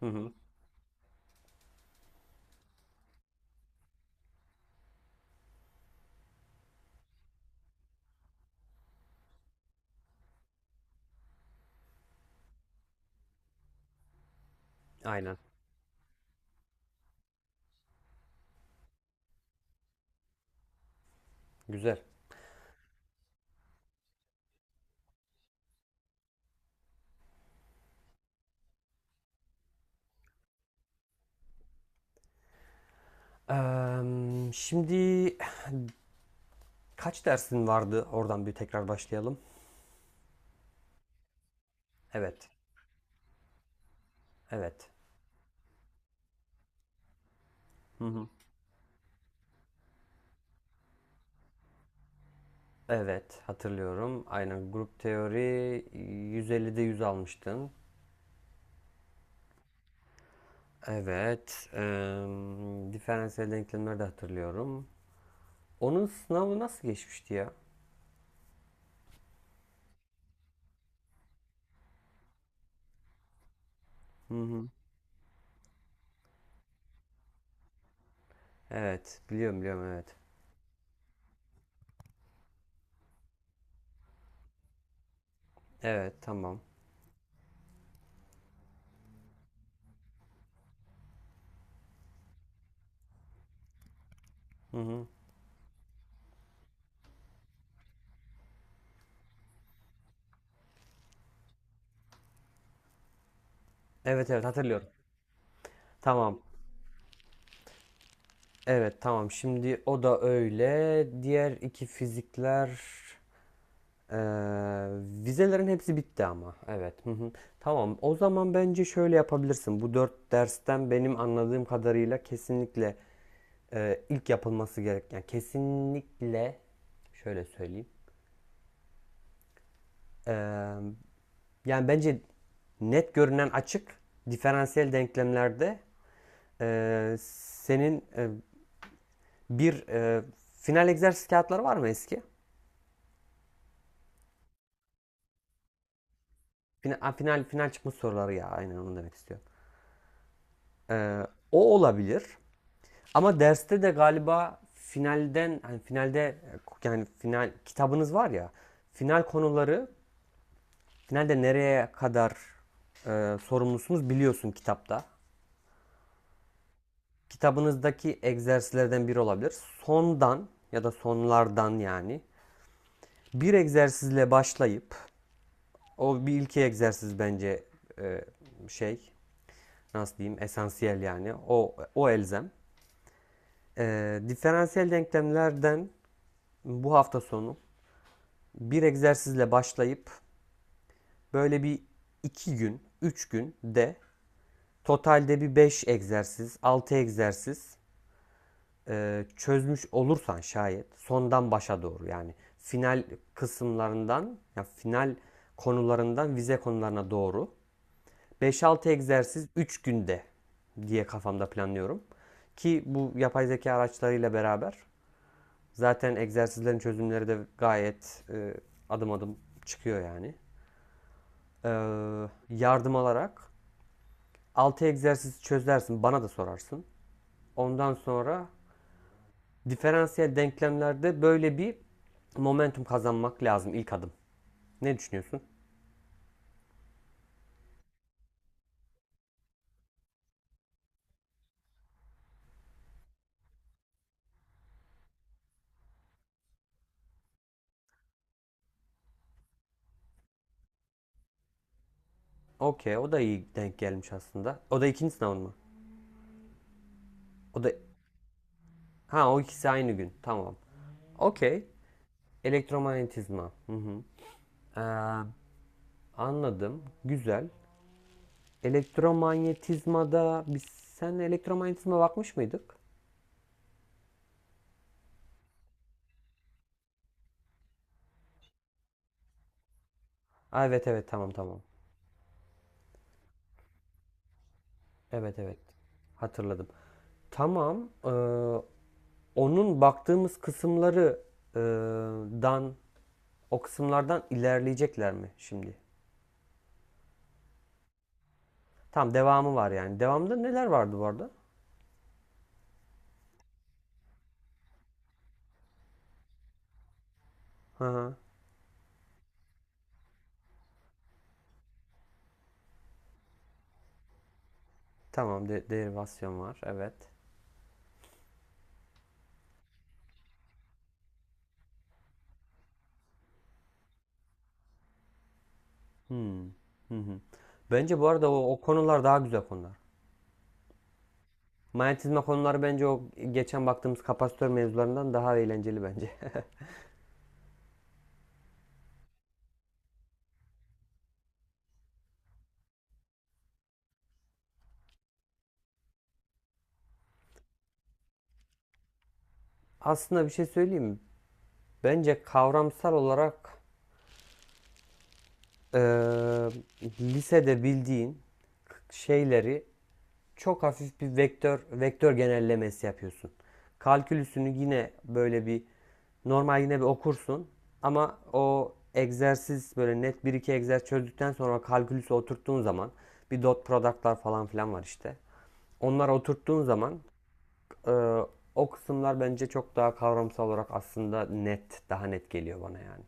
Hı hı. Aynen. Güzel. Şimdi kaç dersin vardı? Oradan bir tekrar başlayalım. Evet. Evet. Hı hı. Evet, hatırlıyorum. Aynen grup teori 150'de 100 almıştın. Evet. Diferansiyel denklemleri de hatırlıyorum. Onun sınavı nasıl geçmişti ya? Hı hı. Evet, biliyorum biliyorum, evet. Evet, tamam. Hı hı. Evet, evet, hatırlıyorum. Tamam. Evet, tamam, şimdi o da öyle. Diğer iki fizikler eee, vizelerin hepsi bitti ama. Evet. Hı hı. Tamam, o zaman bence şöyle yapabilirsin. Bu dört dersten benim anladığım kadarıyla kesinlikle ilk yapılması gereken kesinlikle, şöyle söyleyeyim. Eee, Yani bence net görünen açık diferansiyel denklemlerde, senin bir final egzersiz kağıtları var mı eski? Final, çıkmış soruları ya, aynen onu demek istiyorum. Ee, O olabilir. Ama derste de galiba finalden, hani finalde, yani final kitabınız var ya, final konuları, finalde nereye kadar sorumlusunuz biliyorsun kitapta. Kitabınızdaki egzersizlerden biri olabilir. Sondan ya da sonlardan yani bir egzersizle başlayıp, o bir ilki egzersiz bence e, şey, nasıl diyeyim, esansiyel yani, o elzem. Diferansiyel denklemlerden bu hafta sonu bir egzersizle başlayıp böyle bir 2 gün, 3 gün de totalde bir 5 egzersiz, 6 egzersiz çözmüş olursan şayet, sondan başa doğru yani, final kısımlarından ya final konularından vize konularına doğru beş altı egzersiz 3 günde diye kafamda planlıyorum. Ki bu yapay zeka araçlarıyla beraber zaten egzersizlerin çözümleri de gayet adım adım çıkıyor yani. Ee, Yardım alarak 6 egzersiz çözersin, bana da sorarsın. Ondan sonra diferansiyel denklemlerde böyle bir momentum kazanmak lazım, ilk adım. Ne düşünüyorsun? Okey, o da iyi denk gelmiş aslında. O da ikinci sınavın mı? O da Ha, o ikisi aynı gün. Tamam. Okey. Elektromanyetizma. Hı hı. Ee, Anladım. Güzel. Elektromanyetizmada sen elektromanyetizma bakmış mıydık? Aa, evet, evet, tamam, tamam. Evet, evet. Hatırladım. Tamam. Onun baktığımız kısımları ee, dan o kısımlardan ilerleyecekler mi şimdi? Tamam, devamı var yani. Devamda neler vardı bu arada? Hı hı. Tamam, derivasyon var. Evet. Hmm. Hı hı. Bence bu arada o konular daha güzel konular. Manyetizma konuları bence o geçen baktığımız kapasitör mevzularından daha eğlenceli bence. Aslında bir şey söyleyeyim mi? Bence kavramsal olarak eee, lisede bildiğin şeyleri çok hafif bir vektör genellemesi yapıyorsun. Kalkülüsünü yine böyle bir normal yine bir okursun, ama o egzersiz böyle net bir iki egzersiz çözdükten sonra kalkülüsü oturttuğun zaman, bir dot product'lar falan filan var işte. Onları oturttuğun zaman eee, o kısımlar bence çok daha kavramsal olarak aslında net, daha net geliyor bana yani.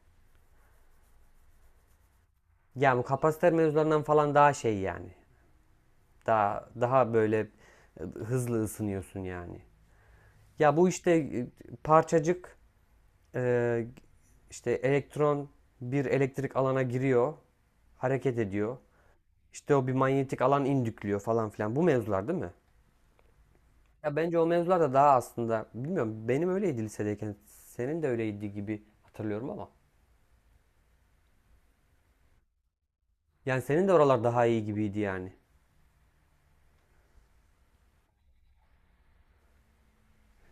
Yani bu kapasitör mevzularından falan daha şey yani. Daha böyle hızlı ısınıyorsun yani. Ya bu işte parçacık, e, işte elektron bir elektrik alana giriyor, hareket ediyor. İşte o bir manyetik alan indükliyor falan filan. Bu mevzular değil mi? Ya bence o mevzular da daha, aslında bilmiyorum, benim öyleydi lisedeyken. Senin de öyleydi gibi hatırlıyorum ama. Yani senin de oralar daha iyi gibiydi yani.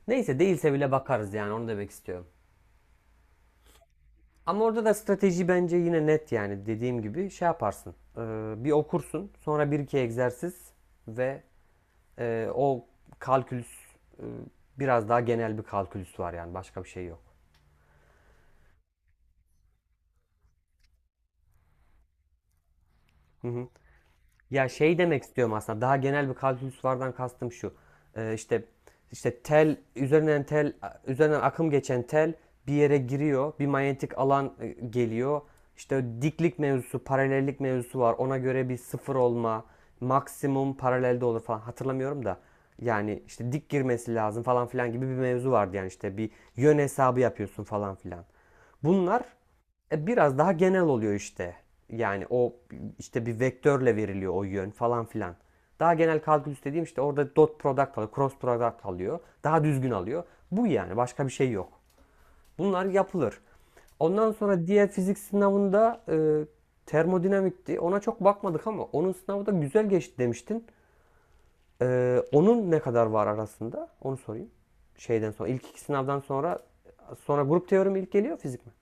Neyse, değilse bile bakarız yani, onu demek istiyorum. Ama orada da strateji bence yine net yani, dediğim gibi şey yaparsın. Bir okursun, sonra bir iki egzersiz ve o kalkülüs, e, biraz daha genel bir kalkülüs var yani, başka bir şey yok. Hı hı. Ya şey demek istiyorum, aslında daha genel bir kalkülüs vardan kastım şu. İşte tel üzerinden akım geçen tel bir yere giriyor. Bir manyetik alan geliyor. İşte diklik mevzusu, paralellik mevzusu var. Ona göre bir sıfır olma, maksimum paralelde olur falan, hatırlamıyorum da. Yani işte dik girmesi lazım falan filan gibi bir mevzu vardı yani, işte bir yön hesabı yapıyorsun falan filan. Bunlar biraz daha genel oluyor işte. Yani o işte bir vektörle veriliyor o yön falan filan. Daha genel kalkülüs dediğim işte orada dot product alıyor, cross product alıyor. Daha düzgün alıyor. Bu yani, başka bir şey yok. Bunlar yapılır. Ondan sonra diğer fizik sınavında termodinamikti. Ona çok bakmadık ama onun sınavı da güzel geçti demiştin. Onun ne kadar var arasında? Onu sorayım. Şeyden sonra ilk iki sınavdan sonra grup teorimi ilk geliyor, fizik mi?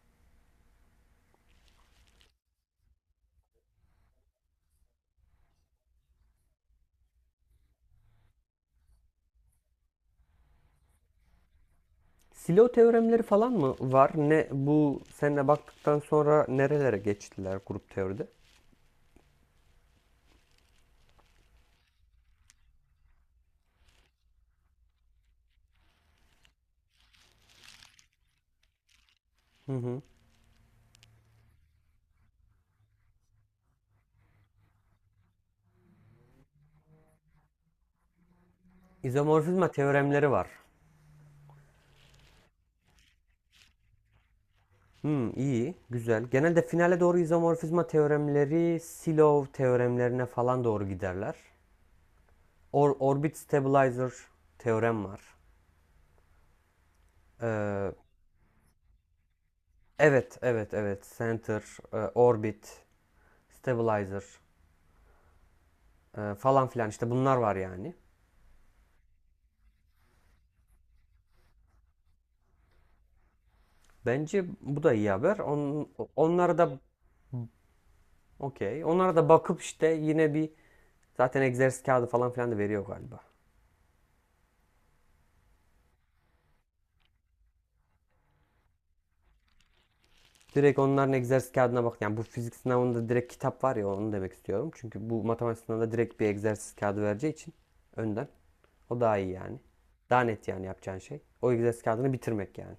Silo teoremleri falan mı var? Ne bu, seninle baktıktan sonra nerelere geçtiler grup teoride? Hı hı. İzomorfizma teoremleri var. Hmm, iyi, güzel. Genelde finale doğru izomorfizma teoremleri, Silov teoremlerine falan doğru giderler. Orbit stabilizer teorem var. Ee, evet, evet, evet. Center, orbit, stabilizer, falan filan işte, bunlar var yani. Bence bu da iyi haber. Onları da okey. Onlara da bakıp işte yine bir, zaten egzersiz kağıdı falan filan da veriyor galiba. Direkt onların egzersiz kağıdına bak. Yani bu fizik sınavında direkt kitap var ya, onu demek istiyorum. Çünkü bu matematik sınavında direkt bir egzersiz kağıdı vereceği için önden. O daha iyi yani. Daha net yani yapacağın şey. O egzersiz kağıdını bitirmek yani.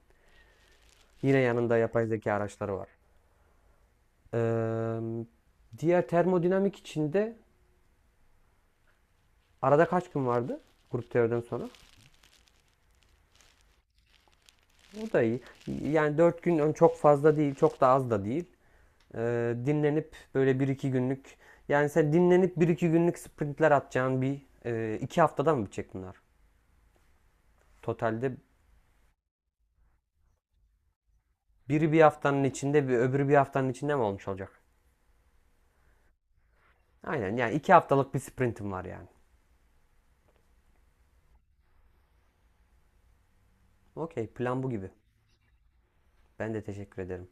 Yine yanında yapay zeka araçları var. Ee, Diğer termodinamik içinde arada kaç gün vardı? Grup teoriden sonra. O da iyi. Yani 4 gün çok fazla değil, çok da az da değil. Dinlenip böyle bir iki günlük, yani sen dinlenip bir 2 günlük sprintler atacağın bir, 2 haftadan mı bitecek bunlar? Totalde biri bir haftanın içinde, bir öbürü bir haftanın içinde mi olmuş olacak? Aynen, yani 2 haftalık bir sprintim var yani. Okey, plan bu gibi. Ben de teşekkür ederim.